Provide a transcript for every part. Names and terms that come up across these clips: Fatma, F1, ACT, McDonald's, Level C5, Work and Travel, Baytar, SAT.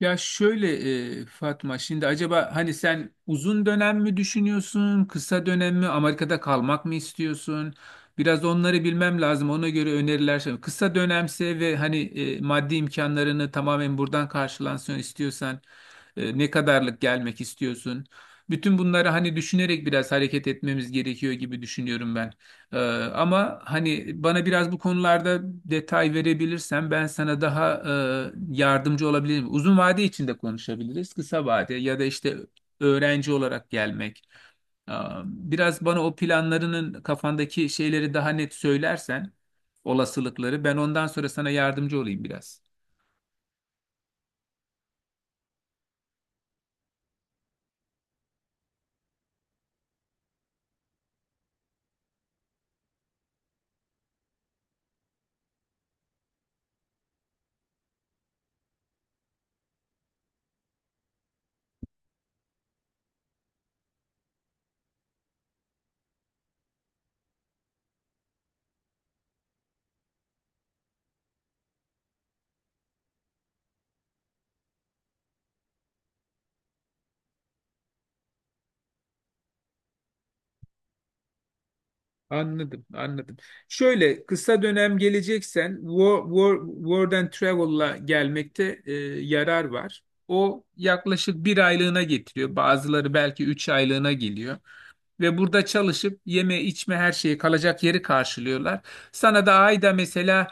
Ya şöyle Fatma, şimdi acaba hani sen uzun dönem mi düşünüyorsun, kısa dönem mi, Amerika'da kalmak mı istiyorsun? Biraz onları bilmem lazım. Ona göre öneriler. Kısa dönemse ve hani maddi imkanlarını tamamen buradan karşılansın istiyorsan ne kadarlık gelmek istiyorsun? Bütün bunları hani düşünerek biraz hareket etmemiz gerekiyor gibi düşünüyorum ben. Ee, ama hani bana biraz bu konularda detay verebilirsen ben sana daha yardımcı olabilirim. Uzun vade içinde konuşabiliriz. Kısa vade ya da işte öğrenci olarak gelmek. Ee, Biraz bana o planlarının kafandaki şeyleri daha net söylersen, olasılıkları ben ondan sonra sana yardımcı olayım biraz. Anladım, anladım. Şöyle, kısa dönem geleceksen World and Travel'la gelmekte yarar var. O yaklaşık bir aylığına getiriyor. Bazıları belki üç aylığına geliyor. Ve burada çalışıp yeme içme her şeyi, kalacak yeri karşılıyorlar. Sana da ayda mesela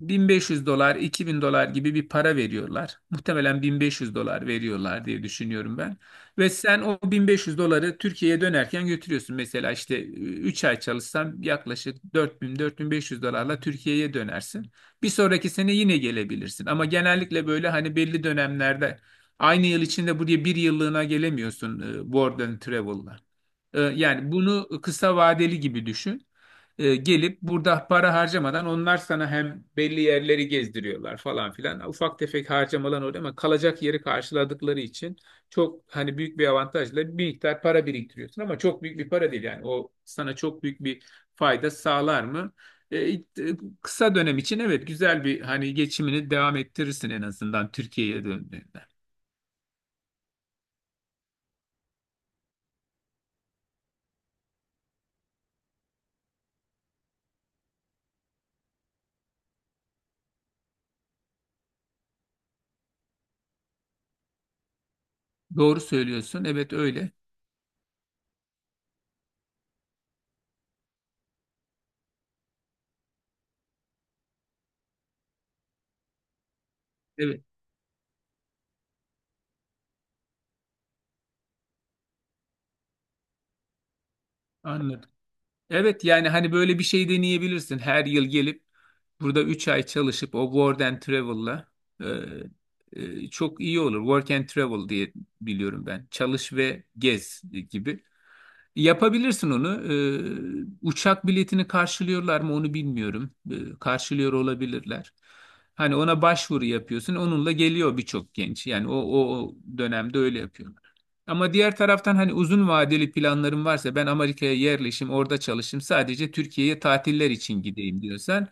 1500 dolar, 2000 dolar gibi bir para veriyorlar. Muhtemelen 1500 dolar veriyorlar diye düşünüyorum ben. Ve sen o 1500 doları Türkiye'ye dönerken götürüyorsun. Mesela işte 3 ay çalışsan yaklaşık 4000-4500 dolarla Türkiye'ye dönersin. Bir sonraki sene yine gelebilirsin. Ama genellikle böyle hani belli dönemlerde aynı yıl içinde buraya bir yıllığına gelemiyorsun World and Travel'la. Yani bunu kısa vadeli gibi düşün. Gelip burada para harcamadan onlar sana hem belli yerleri gezdiriyorlar falan filan. Ufak tefek harcamalar oluyor ama kalacak yeri karşıladıkları için çok hani büyük bir avantajla bir miktar para biriktiriyorsun, ama çok büyük bir para değil. Yani o sana çok büyük bir fayda sağlar mı? E, it- e, kısa dönem için evet, güzel. Bir hani geçimini devam ettirirsin en azından Türkiye'ye döndüğünde. Doğru söylüyorsun. Evet öyle. Evet, anladım. Evet, yani hani böyle bir şey deneyebilirsin. Her yıl gelip burada 3 ay çalışıp o Work and Travel'la e, çok iyi olur. Work and Travel diye biliyorum ben. Çalış ve gez gibi. Yapabilirsin onu. Uçak biletini karşılıyorlar mı onu bilmiyorum. Karşılıyor olabilirler. Hani ona başvuru yapıyorsun. Onunla geliyor birçok genç. Yani o dönemde öyle yapıyorlar. Ama diğer taraftan hani uzun vadeli planlarım varsa, ben Amerika'ya yerleşim, orada çalışayım, sadece Türkiye'ye tatiller için gideyim diyorsan,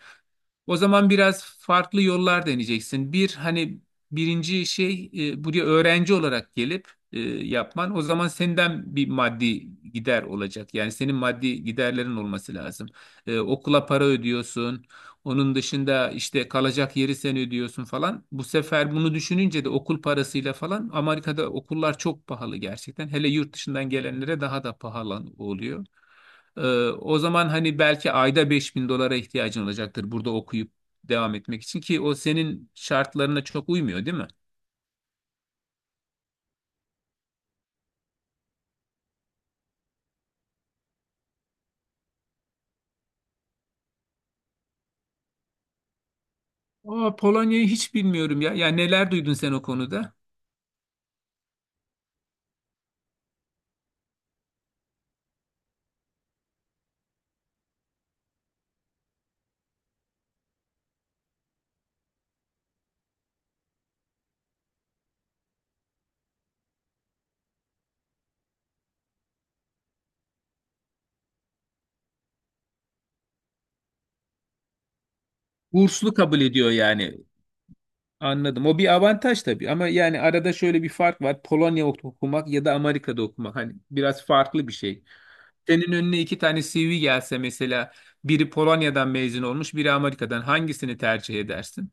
o zaman biraz farklı yollar deneyeceksin. Bir hani birinci şey, buraya öğrenci olarak gelip yapman. O zaman senden bir maddi gider olacak. Yani senin maddi giderlerin olması lazım. Okula para ödüyorsun. Onun dışında işte kalacak yeri sen ödüyorsun falan. Bu sefer bunu düşününce de, okul parasıyla falan, Amerika'da okullar çok pahalı gerçekten. Hele yurt dışından gelenlere daha da pahalı oluyor. Ee, O zaman hani belki ayda 5.000 dolara ihtiyacın olacaktır burada okuyup devam etmek için, ki o senin şartlarına çok uymuyor değil mi? Aa, Polonya'yı hiç bilmiyorum ya. Ya neler duydun sen o konuda? Burslu kabul ediyor yani. Anladım. O bir avantaj tabii, ama yani arada şöyle bir fark var. Polonya okumak ya da Amerika'da okumak hani biraz farklı bir şey. Senin önüne iki tane CV gelse, mesela biri Polonya'dan mezun olmuş, biri Amerika'dan, hangisini tercih edersin?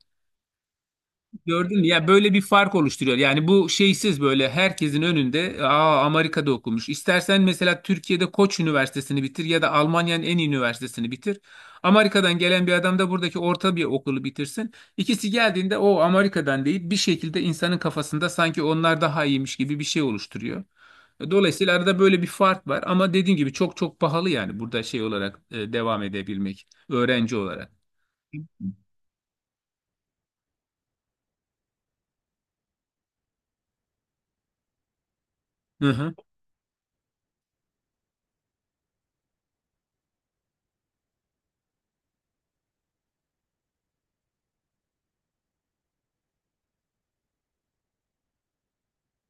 Gördün mü? Ya, böyle bir fark oluşturuyor. Yani bu şeysiz böyle herkesin önünde, aa, Amerika'da okumuş. İstersen mesela Türkiye'de Koç Üniversitesi'ni bitir ya da Almanya'nın en iyi üniversitesini bitir. Amerika'dan gelen bir adam da buradaki orta bir okulu bitirsin. İkisi geldiğinde o, Amerika'dan deyip bir şekilde insanın kafasında sanki onlar daha iyiymiş gibi bir şey oluşturuyor. Dolayısıyla arada böyle bir fark var, ama dediğim gibi çok çok pahalı, yani burada şey olarak devam edebilmek, öğrenci olarak. Hı hı.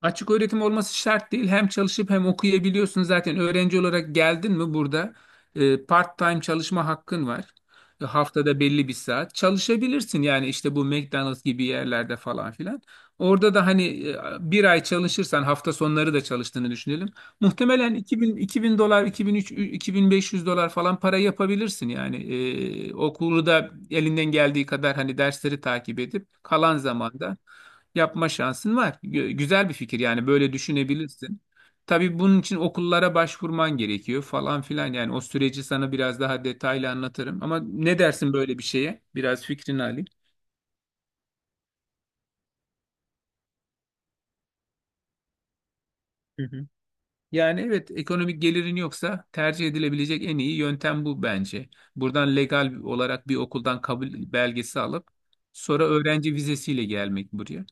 Açık öğretim olması şart değil. Hem çalışıp hem okuyabiliyorsun. Zaten öğrenci olarak geldin mi burada part-time çalışma hakkın var. Haftada belli bir saat çalışabilirsin. Yani işte bu McDonald's gibi yerlerde falan filan. Orada da hani e, bir ay çalışırsan, hafta sonları da çalıştığını düşünelim. Muhtemelen 2000 dolar, 2003, 2500 dolar falan para yapabilirsin. Yani okulu da elinden geldiği kadar hani dersleri takip edip kalan zamanda yapma şansın var. Güzel bir fikir, yani böyle düşünebilirsin. Tabii bunun için okullara başvurman gerekiyor falan filan. Yani o süreci sana biraz daha detaylı anlatırım. Ama ne dersin böyle bir şeye? Biraz fikrini alayım. Hı hı. Yani evet, ekonomik gelirin yoksa tercih edilebilecek en iyi yöntem bu bence. Buradan legal olarak bir okuldan kabul belgesi alıp sonra öğrenci vizesiyle gelmek buraya.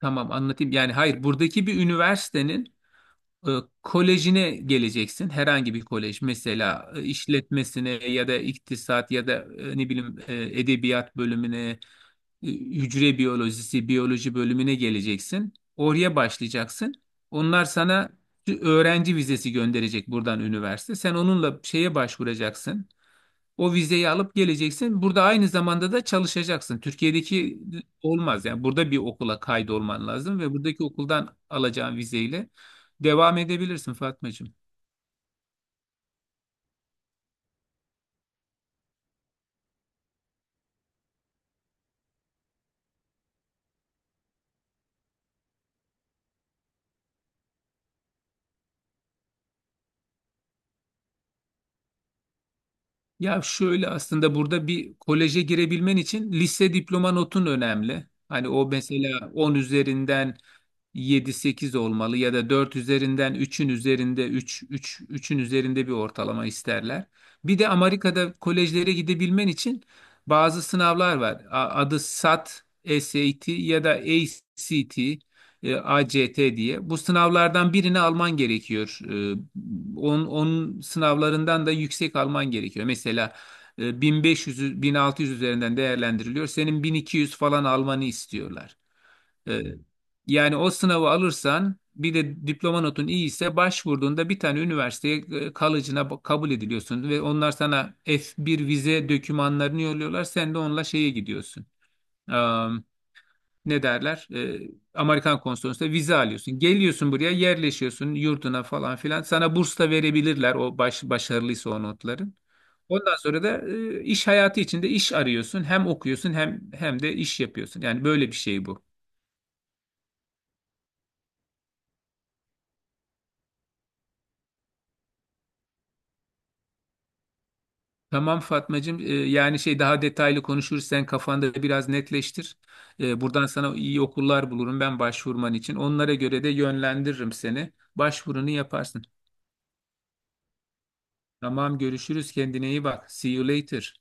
Tamam, anlatayım. Yani hayır, buradaki bir üniversitenin E, kolejine geleceksin. Herhangi bir kolej, mesela işletmesine ya da iktisat ya da edebiyat bölümüne, hücre biyolojisi, biyoloji bölümüne geleceksin. Oraya başlayacaksın. Onlar sana bir öğrenci vizesi gönderecek buradan, üniversite. Sen onunla şeye başvuracaksın. O vizeyi alıp geleceksin. Burada aynı zamanda da çalışacaksın. Türkiye'deki olmaz. Yani burada bir okula kaydolman lazım ve buradaki okuldan alacağın vizeyle devam edebilirsin Fatmacığım. Ya şöyle, aslında burada bir koleje girebilmen için lise diploma notun önemli. Hani o mesela 10 üzerinden 7-8 olmalı ya da 4 üzerinden 3'ün üzerinde, 3, 3'ün üzerinde bir ortalama isterler. Bir de Amerika'da kolejlere gidebilmen için bazı sınavlar var. Adı SAT, SAT ya da ACT, ACT diye. Bu sınavlardan birini alman gerekiyor. Onun sınavlarından da yüksek alman gerekiyor. Mesela 1500, 1600 üzerinden değerlendiriliyor. Senin 1200 falan almanı istiyorlar. E, yani o sınavı alırsan, bir de diploma notun iyi ise, başvurduğunda bir tane üniversiteye kabul ediliyorsun ve onlar sana F1 vize dokümanlarını yolluyorlar. Sen de onunla şeye gidiyorsun, ne derler, Amerikan konsolosluğuna vize alıyorsun. Geliyorsun buraya, yerleşiyorsun yurduna falan filan. Sana burs da verebilirler, o başarılıysa o notların. Ondan sonra da iş hayatı içinde iş arıyorsun. Hem okuyorsun, hem de iş yapıyorsun. Yani böyle bir şey bu. Tamam Fatmacığım, yani şey, daha detaylı konuşuruz. Sen kafanda biraz netleştir. Buradan sana iyi okullar bulurum ben başvurman için. Onlara göre de yönlendiririm seni. Başvurunu yaparsın. Tamam, görüşürüz. Kendine iyi bak. See you later.